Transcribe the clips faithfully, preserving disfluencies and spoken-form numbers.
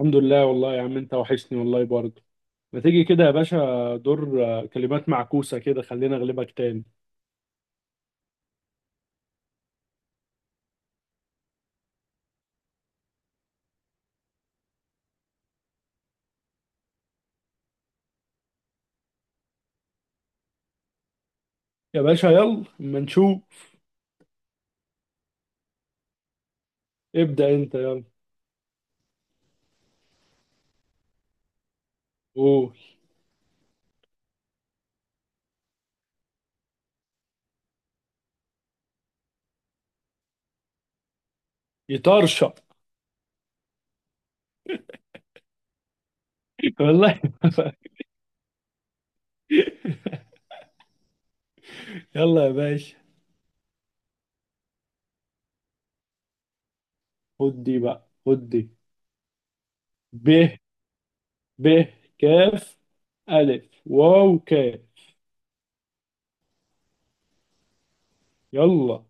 الحمد لله والله يا عم انت وحشني والله برضه. ما تيجي كده يا باشا دور، آه، كلمات معكوسة كده خلينا اغلبك تاني. يا باشا يلا اما نشوف. ابدأ انت يلا. قول. يطرشق. والله. يلا يا باشا، خد دي بقى، خد دي. ب، ب، كاف، ألف، واو، كاف. يلا.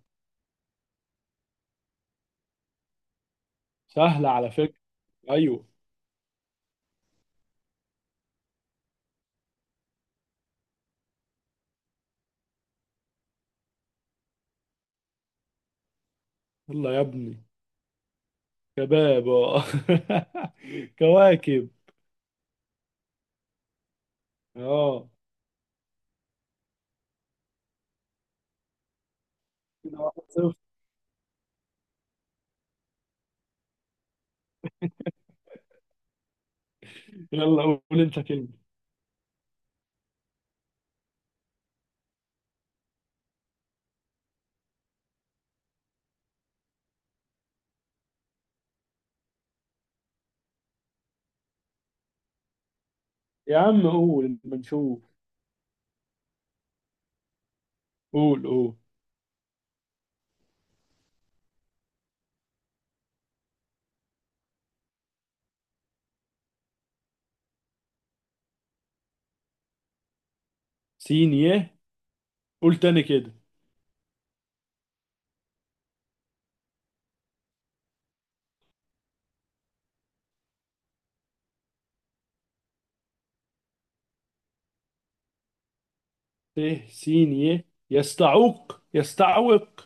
سهلة على فكرة. ايوه. يلا يا ابني. شباب اه. كواكب، اه. كده واحد صفر. يلا قول انت كلمة. يا عم قول ما نشوف. قول، قول. سين يه. قول تاني كده. ت، سين يه. يستعوق، يستعوق.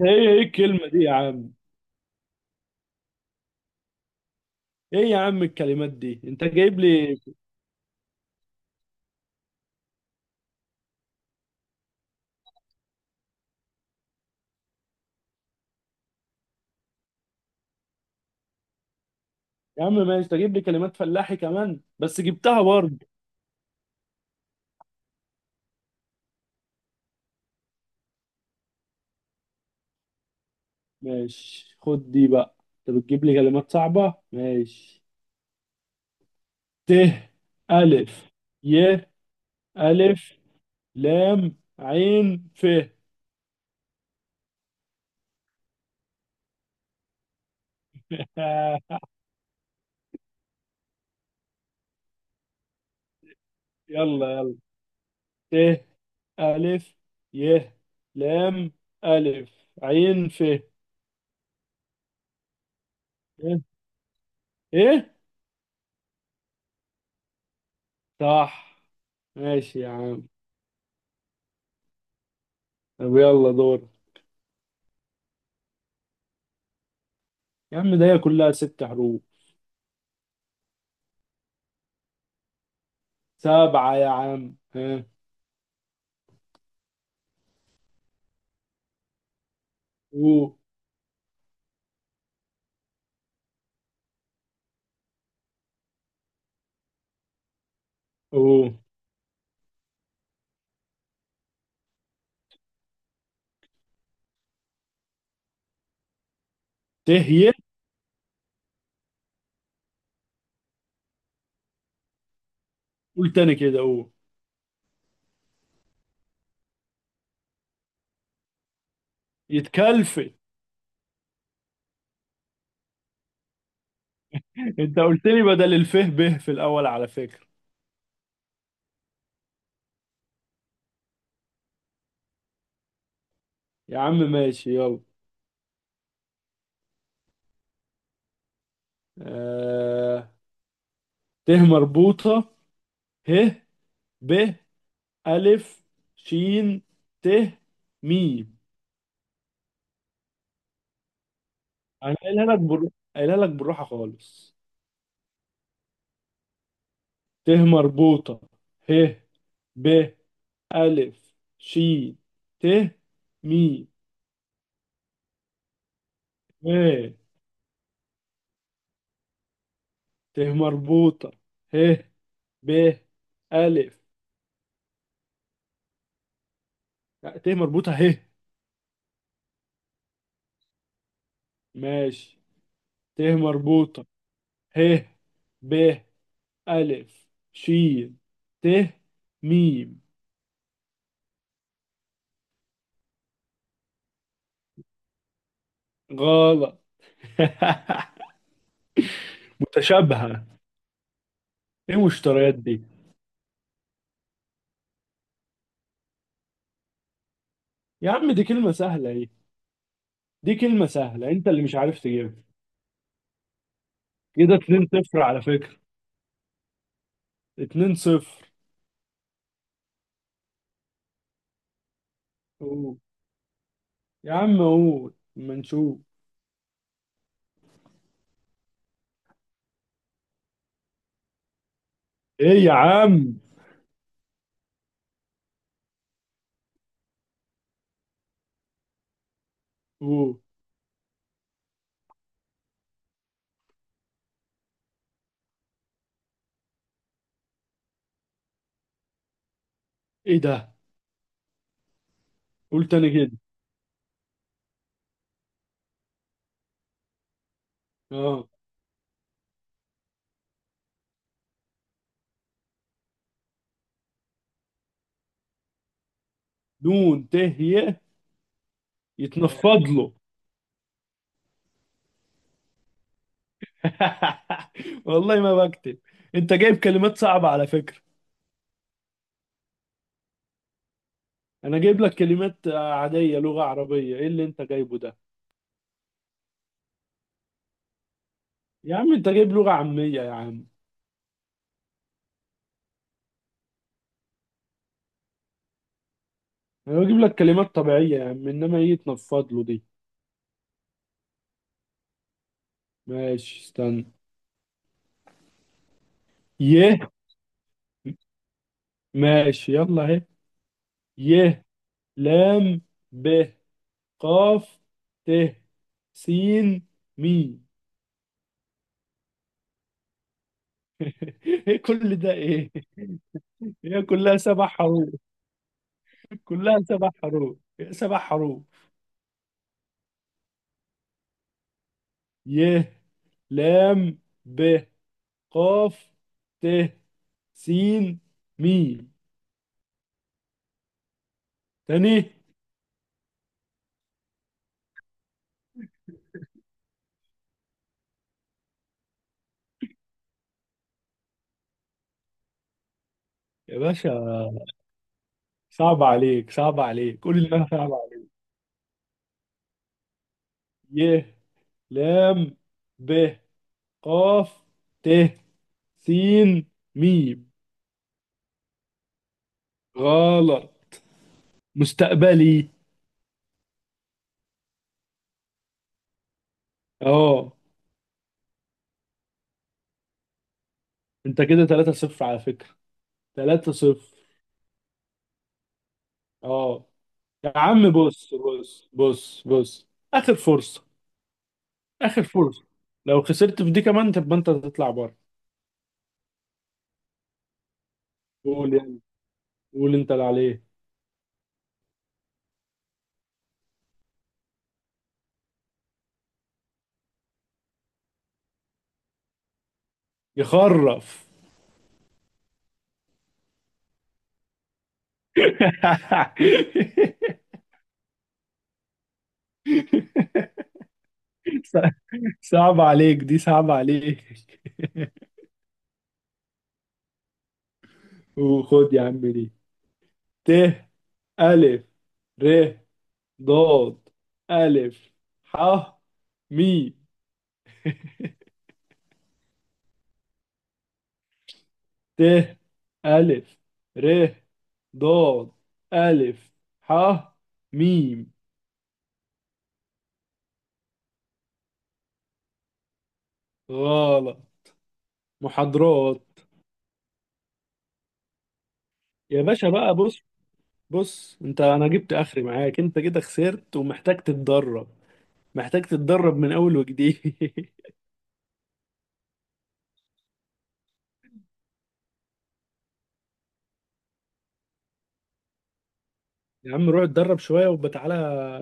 ايه ايه الكلمة دي يا عم؟ ايه يا عم الكلمات دي انت جايب لي؟ يا عم ماشي، تجيب لي كلمات فلاحي كمان، بس جبتها برضه. ماشي خد دي بقى. انت بتجيب لي كلمات صعبة ماشي. ت، ألف، ي، ألف، لام، عين، ف. يلا يلا. ت، ألف، ي، لام، ألف، عين، ف إيه؟ إيه؟ صح. ماشي يا عم. طب يلا دور. يا عم ده هي كلها ست حروف. سبعة يا عم ها. أو. أو. ت، ي. قول تاني كده. أو، يتكلفت. أنت قلت لي بدل الف ب في الأول على فكرة. يا عم ماشي يلا. آه... ت مربوطة، ه، ب، ألف، شين، ت، ميم. انا قايلها لك بر... قايلها لك بالراحه خالص. ت مربوطه، ه، ب، الف، ش، ت، مي، م. ت مربوطه، ه، ب، الف. لا، ت مربوطه، ه. ماشي. ت مربوطه، ه، ب، الف، ش، ت، ميم. غلط. متشابهه. ايه المشتريات دي؟ يا عم دي كلمه سهله اهي. دي كلمه سهله، انت اللي مش عارف تجيبها. كده اتنين صفر على فكرة. اتنين صفر. اوه. يا عم قول اما نشوف. ايه يا عم؟ اوه. ايه ده؟ قول تاني كده. اه. دون، ت، ي. يتنفض له. والله ما بكتب. انت جايب كلمات صعبة على فكرة. انا جايب لك كلمات آه، عادية، لغة عربية، ايه اللي انت جايبه ده؟ يا عم انت جايب لغة عامية يا عم. انا بجيب لك كلمات طبيعية يا عم، انما ايه يتنفض له دي؟ ماشي استنى. ي. ماشي يلا اهي. ي، لام، ب، قاف، ت، سين، ميم. ايه كل ده ايه؟ هي كلها سبع حروف. كلها سبع حروف. سبع حروف. ي، لام، ب، قاف، ت، سين، ميم. تاني. يا باشا صعب عليك، صعب عليك، كل اللي انا صعب عليك. ي، لام، ب، قاف، ت، سين، ميم. غلط. مستقبلي. اه. انت كده تلاتة صفر على فكرة. تلاتة صفر. اه. يا عم بص بص بص بص، اخر فرصة، اخر فرصة. لو خسرت في دي كمان تبقى انت تطلع بره. قول يعني. قول انت اللي عليه. يخرف. صع- صعب عليك دي، صعب عليك. وخد يا عم دي. ت، ألف، ر، ضاد، ألف، ح، مي. ت، ألف، ر، ضاد، ألف، ح، ميم. غلط. محاضرات. يا باشا بقى بص. بص انت، انا جبت اخري معاك، انت كده خسرت ومحتاج تتدرب. محتاج تتدرب من اول وجديد. يا عم روح اتدرب شوية وبتعالى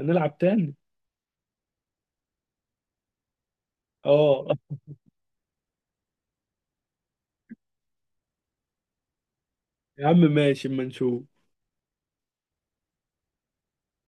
نلعب تاني. اه. يا عم ماشي اما نشوف.